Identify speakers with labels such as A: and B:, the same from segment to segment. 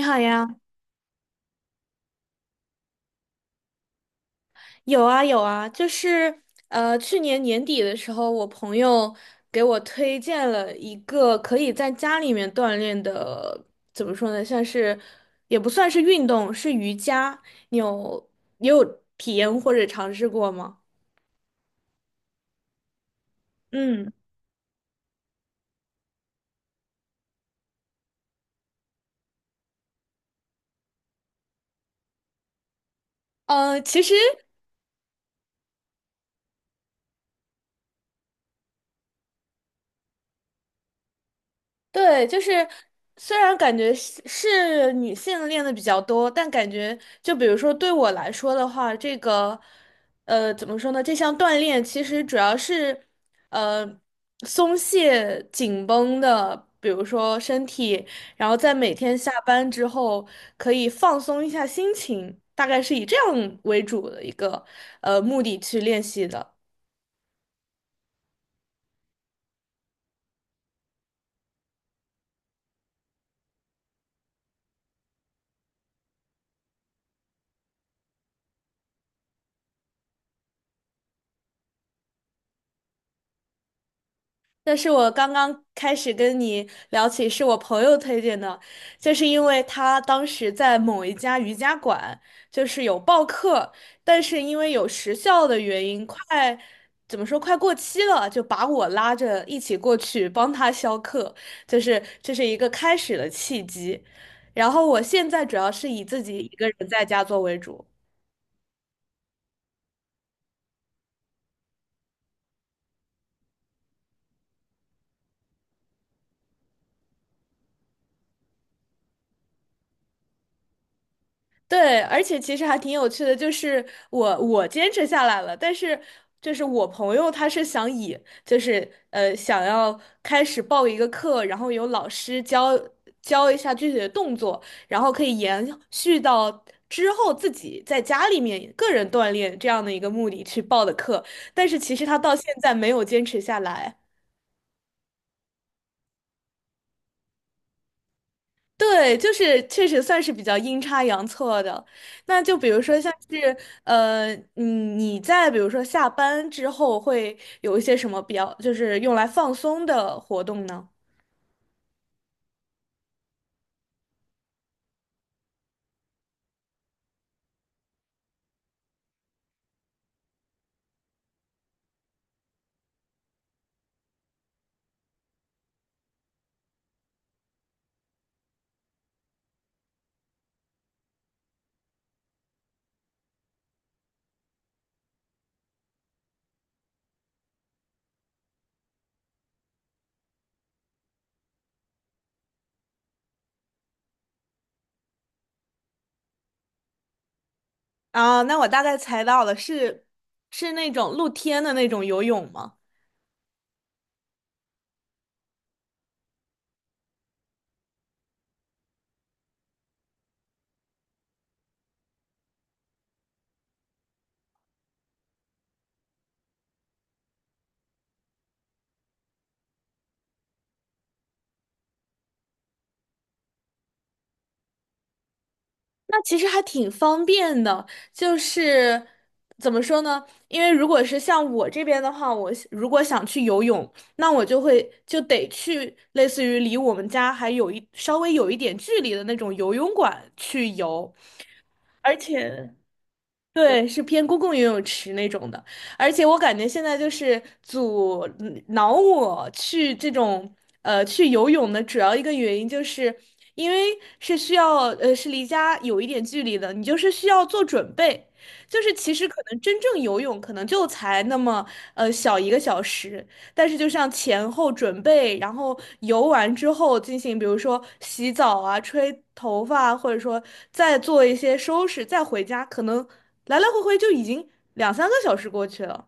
A: 你好呀，有啊有啊，就是去年年底的时候，我朋友给我推荐了一个可以在家里面锻炼的，怎么说呢，像是也不算是运动，是瑜伽。你也有体验或者尝试过吗？嗯。其实。对，就是虽然感觉是女性练的比较多，但感觉就比如说对我来说的话，这个怎么说呢？这项锻炼其实主要是呃松懈紧绷的，比如说身体，然后在每天下班之后可以放松一下心情，大概是以这样为主的一个目的去练习的。这是我刚刚开始跟你聊起，是我朋友推荐的，就是因为他当时在某一家瑜伽馆，就是有报课，但是因为有时效的原因，快，怎么说，快过期了，就把我拉着一起过去帮他销课，就是这是一个开始的契机。然后我现在主要是以自己一个人在家做为主。对，而且其实还挺有趣的，就是我坚持下来了，但是就是我朋友他是想以就是想要开始报一个课，然后有老师教一下具体的动作，然后可以延续到之后自己在家里面个人锻炼这样的一个目的去报的课，但是其实他到现在没有坚持下来。对，就是确实算是比较阴差阳错的。那就比如说像是你在比如说下班之后会有一些什么比较，就是用来放松的活动呢？啊，那我大概猜到了，是那种露天的那种游泳吗？那其实还挺方便的，就是怎么说呢？因为如果是像我这边的话，我想如果想去游泳，那我就会就得去类似于离我们家还有稍微有一点距离的那种游泳馆去游，而且对，是偏公共游泳池那种的，而且我感觉现在就是阻挠我去这种去游泳的主要一个原因，就是因为是需要是离家有一点距离的，你就是需要做准备，就是其实可能真正游泳可能就才那么小一个小时，但是就像前后准备，然后游完之后进行，比如说洗澡啊、吹头发啊，或者说再做一些收拾，再回家，可能来来回回就已经两三个小时过去了。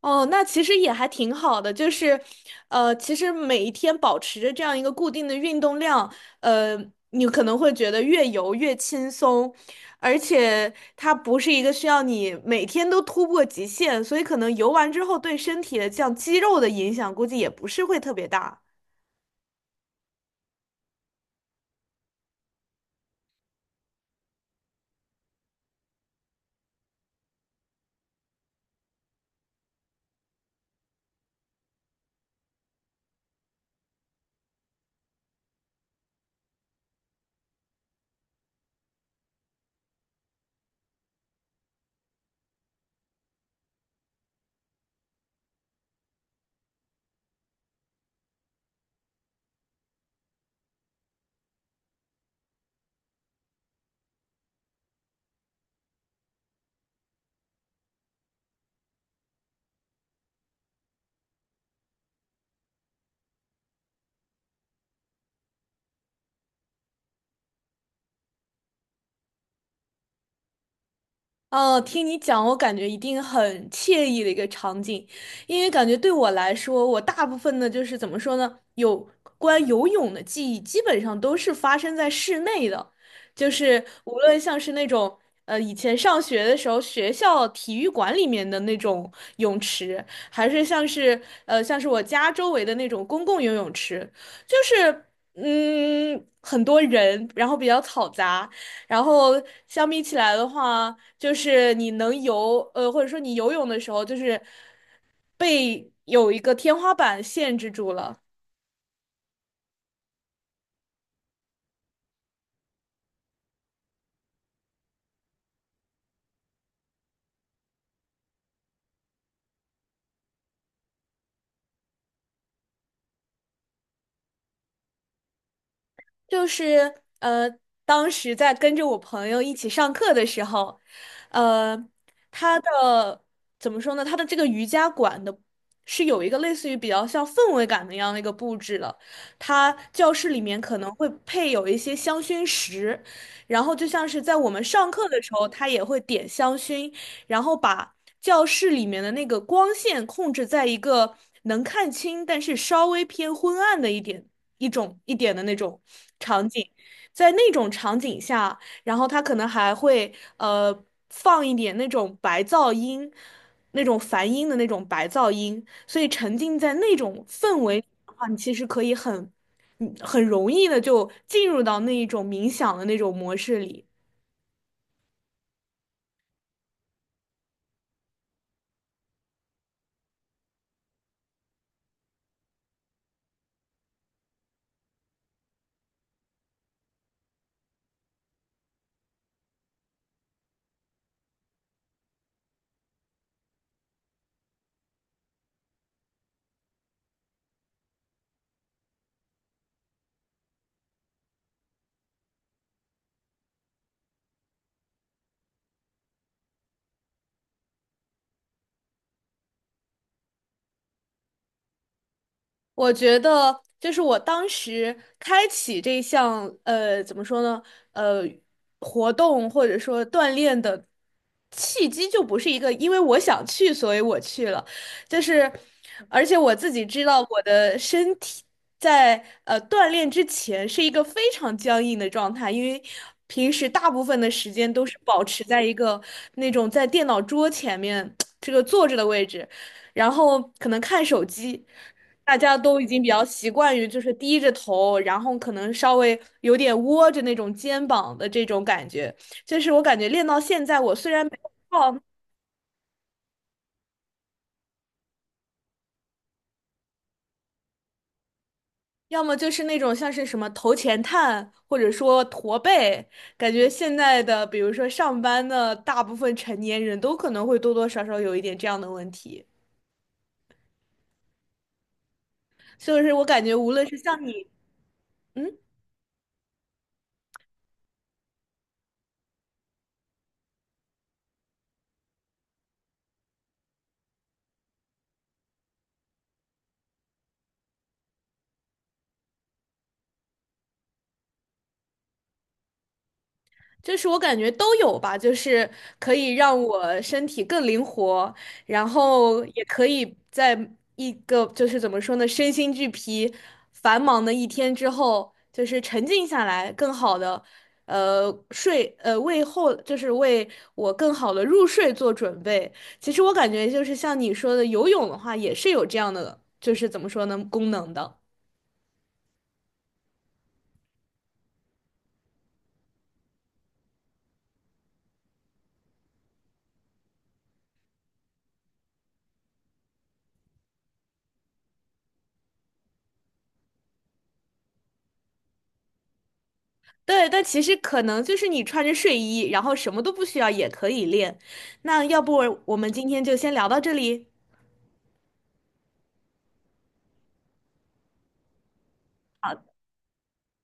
A: 哦，那其实也还挺好的，就是，其实每一天保持着这样一个固定的运动量，呃，你可能会觉得越游越轻松，而且它不是一个需要你每天都突破极限，所以可能游完之后对身体的这样肌肉的影响估计也不是会特别大。哦，听你讲，我感觉一定很惬意的一个场景，因为感觉对我来说，我大部分的就是怎么说呢，有关游泳的记忆，基本上都是发生在室内的，就是无论像是那种以前上学的时候学校体育馆里面的那种泳池，还是像是我家周围的那种公共游泳池，就是很多人，然后比较嘈杂。然后相比起来的话，就是你能游，或者说你游泳的时候，就是被有一个天花板限制住了。就是呃，当时在跟着我朋友一起上课的时候，呃，他的怎么说呢？他的这个瑜伽馆的是有一个类似于比较像氛围感的一样的一个布置了。他教室里面可能会配有一些香薰石，然后就像是在我们上课的时候，他也会点香薰，然后把教室里面的那个光线控制在一个能看清，但是稍微偏昏暗的一点。一点的那种场景，在那种场景下，然后他可能还会放一点那种白噪音，那种梵音的那种白噪音，所以沉浸在那种氛围里的话，你其实可以很，很容易的就进入到那一种冥想的那种模式里。我觉得就是我当时开启这项怎么说呢？呃，活动或者说锻炼的契机就不是一个，因为我想去，所以我去了。就是，而且我自己知道我的身体在锻炼之前是一个非常僵硬的状态，因为平时大部分的时间都是保持在一个那种在电脑桌前面 这个坐着的位置，然后可能看手机。大家都已经比较习惯于就是低着头，然后可能稍微有点窝着那种肩膀的这种感觉。就是我感觉练到现在，我虽然没有胖要么就是那种像是什么头前探，或者说驼背，感觉现在的比如说上班的大部分成年人都可能会多多少少有一点这样的问题。就是我感觉无论是像你。嗯。就是我感觉都有吧，就是可以让我身体更灵活，然后也可以在一个就是怎么说呢，身心俱疲、繁忙的一天之后，就是沉静下来，更好的呃睡呃为后就是为我更好的入睡做准备。其实我感觉就是像你说的，游泳的话也是有这样的，就是怎么说呢，功能的。对，但其实可能就是你穿着睡衣，然后什么都不需要也可以练。那要不我们今天就先聊到这里，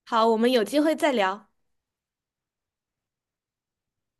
A: 好，我们有机会再聊。